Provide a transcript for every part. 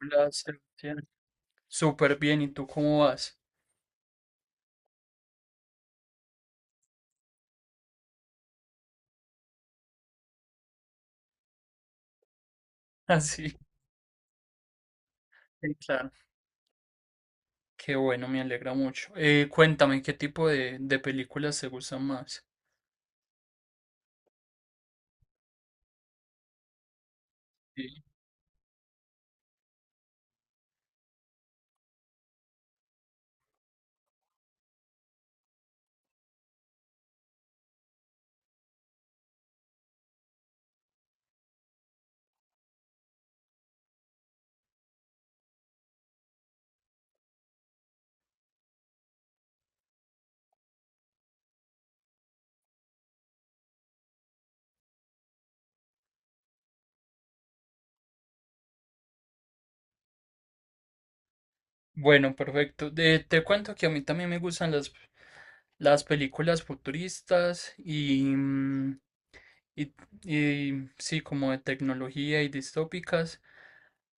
Hola, Sebastián. Súper bien, ¿y tú cómo vas? Así, claro. Qué bueno, me alegra mucho. Cuéntame, ¿qué tipo de películas te gustan más? Sí. Bueno, perfecto. Te cuento que a mí también me gustan las películas futuristas y, y, y sí, como de tecnología y distópicas,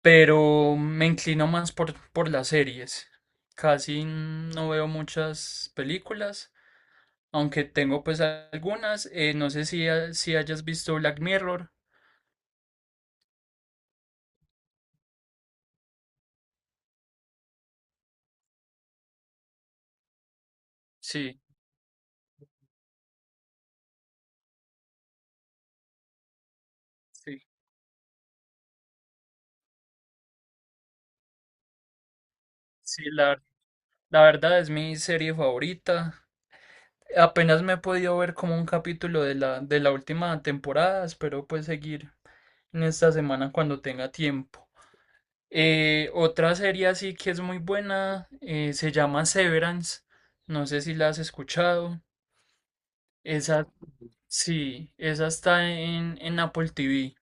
pero me inclino más por las series. Casi no veo muchas películas. Aunque tengo pues algunas, no sé si hayas visto Black Mirror. Sí, sí, sí, la verdad es mi serie favorita. Apenas me he podido ver como un capítulo de la última temporada, espero pues seguir en esta semana cuando tenga tiempo. Otra serie así que es muy buena, se llama Severance, no sé si la has escuchado. Esa, sí, esa está en Apple TV.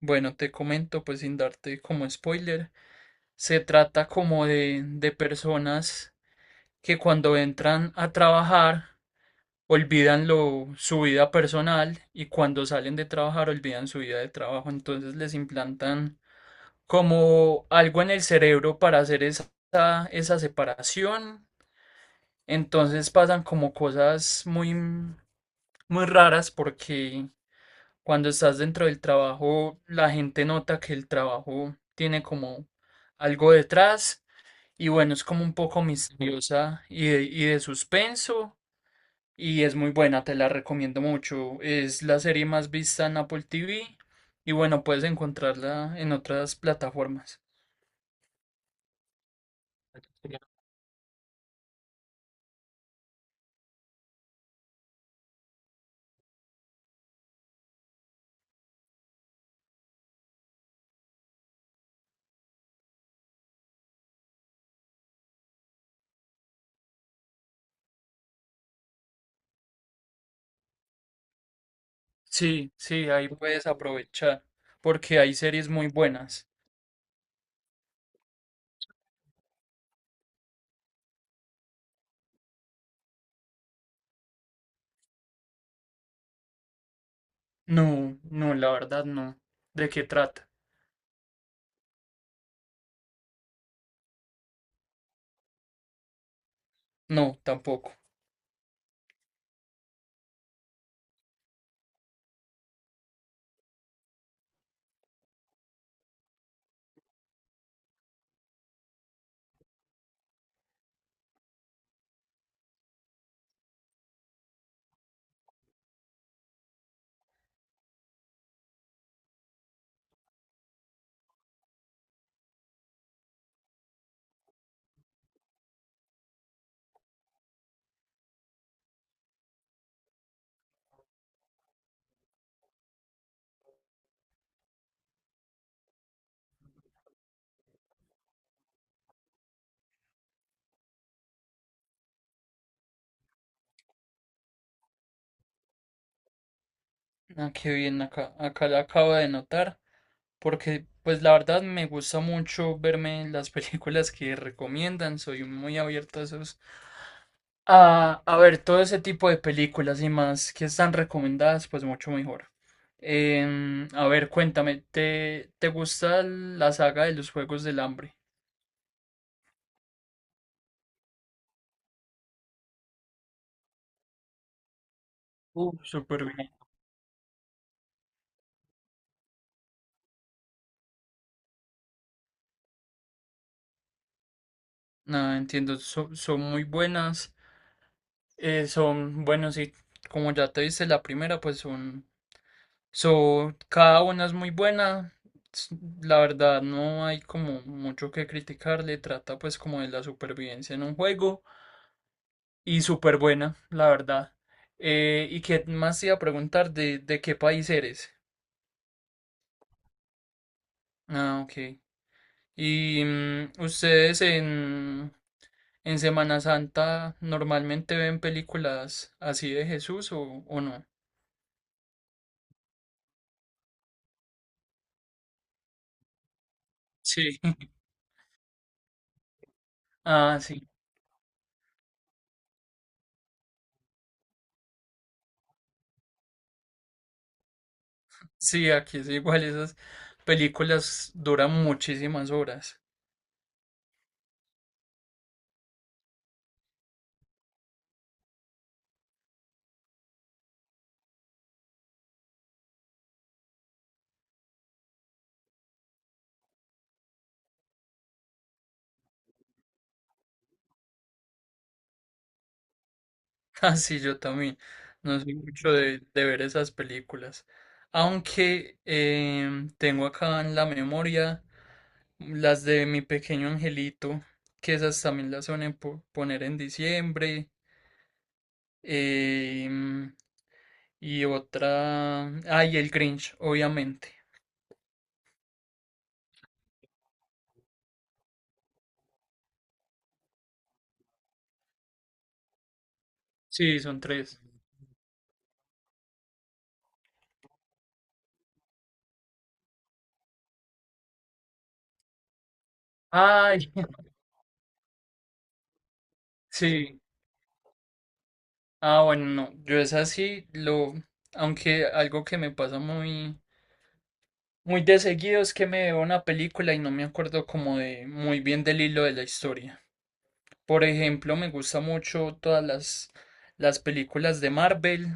Bueno, te comento pues sin darte como spoiler. Se trata como de personas que cuando entran a trabajar olvidan su vida personal y cuando salen de trabajar olvidan su vida de trabajo. Entonces les implantan como algo en el cerebro para hacer esa separación. Entonces pasan como cosas muy raras porque cuando estás dentro del trabajo la gente nota que el trabajo tiene como algo detrás. Y bueno, es como un poco misteriosa y de suspenso. Y es muy buena, te la recomiendo mucho. Es la serie más vista en Apple TV. Y bueno, puedes encontrarla en otras plataformas. Sí, sí, ahí puedes aprovechar. Porque hay series muy buenas. No, no, la verdad no. ¿De qué trata? No, tampoco. Ah, qué bien, acá la acabo de notar. Porque, pues la verdad me gusta mucho verme las películas que recomiendan. Soy muy abierto a esos. A ver, todo ese tipo de películas y más que están recomendadas, pues mucho mejor. A ver, cuéntame, te gusta la saga de los Juegos del Hambre? Súper bien. Nada, entiendo, son muy buenas. Sí, como ya te viste la primera, pues son... Cada una es muy buena. s- La verdad, no hay como mucho que criticarle. Trata pues como de la supervivencia en un juego. Y súper buena, la verdad. ¿Y qué más te iba a preguntar? De qué país eres? Ah, ok. ¿Y ustedes en Semana Santa normalmente ven películas así de Jesús o no? Sí. Ah, sí. Sí, aquí es igual. Esas películas duran muchísimas horas. Ah, sí, yo también. No soy mucho de ver esas películas. Aunque tengo acá en la memoria las de Mi Pequeño Angelito, que esas también las suelen poner en diciembre. Em, y otra. Ay, el Grinch, obviamente. Sí, son tres. Ay, sí. Ah, bueno, no. Yo es así, lo. Aunque algo que me pasa muy. Muy de seguido es que me veo una película y no me acuerdo como de muy bien del hilo de la historia. Por ejemplo, me gusta mucho todas las películas de Marvel,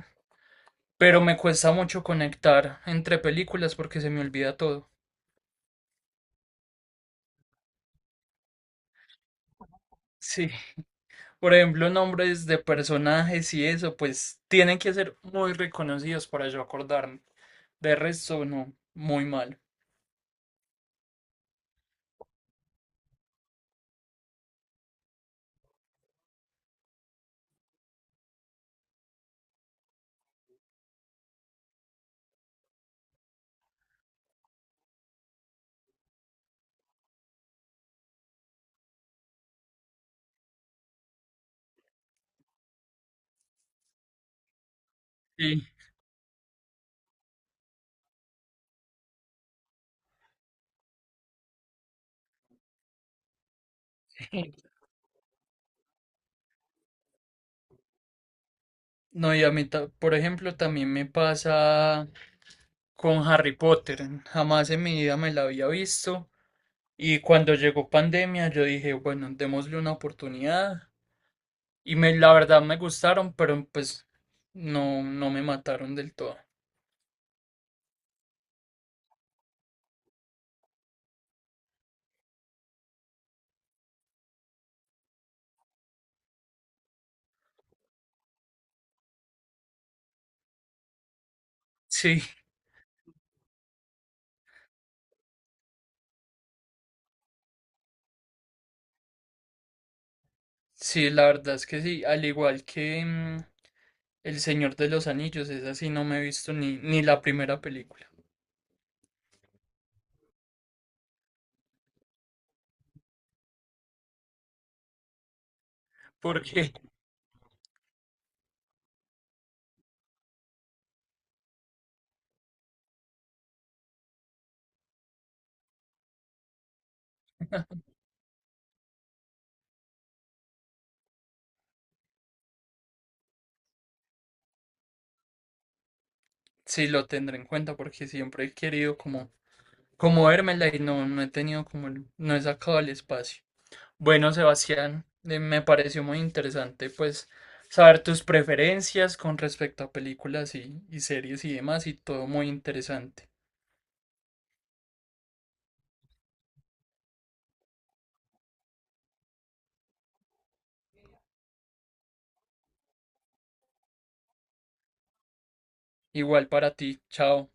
pero me cuesta mucho conectar entre películas porque se me olvida todo. Sí, por ejemplo, nombres de personajes y eso, pues tienen que ser muy reconocidos para yo acordarme. De resto, no, muy mal. Sí. No, y a mí, por ejemplo, también me pasa con Harry Potter. Jamás en mi vida me la había visto. Y cuando llegó pandemia, yo dije, bueno, démosle una oportunidad. La verdad me gustaron, pero pues no, no me mataron del todo. Sí, sí, la verdad es que sí. Al igual que El Señor de los Anillos, esa sí no me he visto ni la primera película. Porque sí lo tendré en cuenta, porque siempre he querido como, como vérmela y no, no he tenido como, no he sacado el espacio. Bueno, Sebastián, me pareció muy interesante pues saber tus preferencias con respecto a películas y series y demás y todo muy interesante. Igual para ti, chao.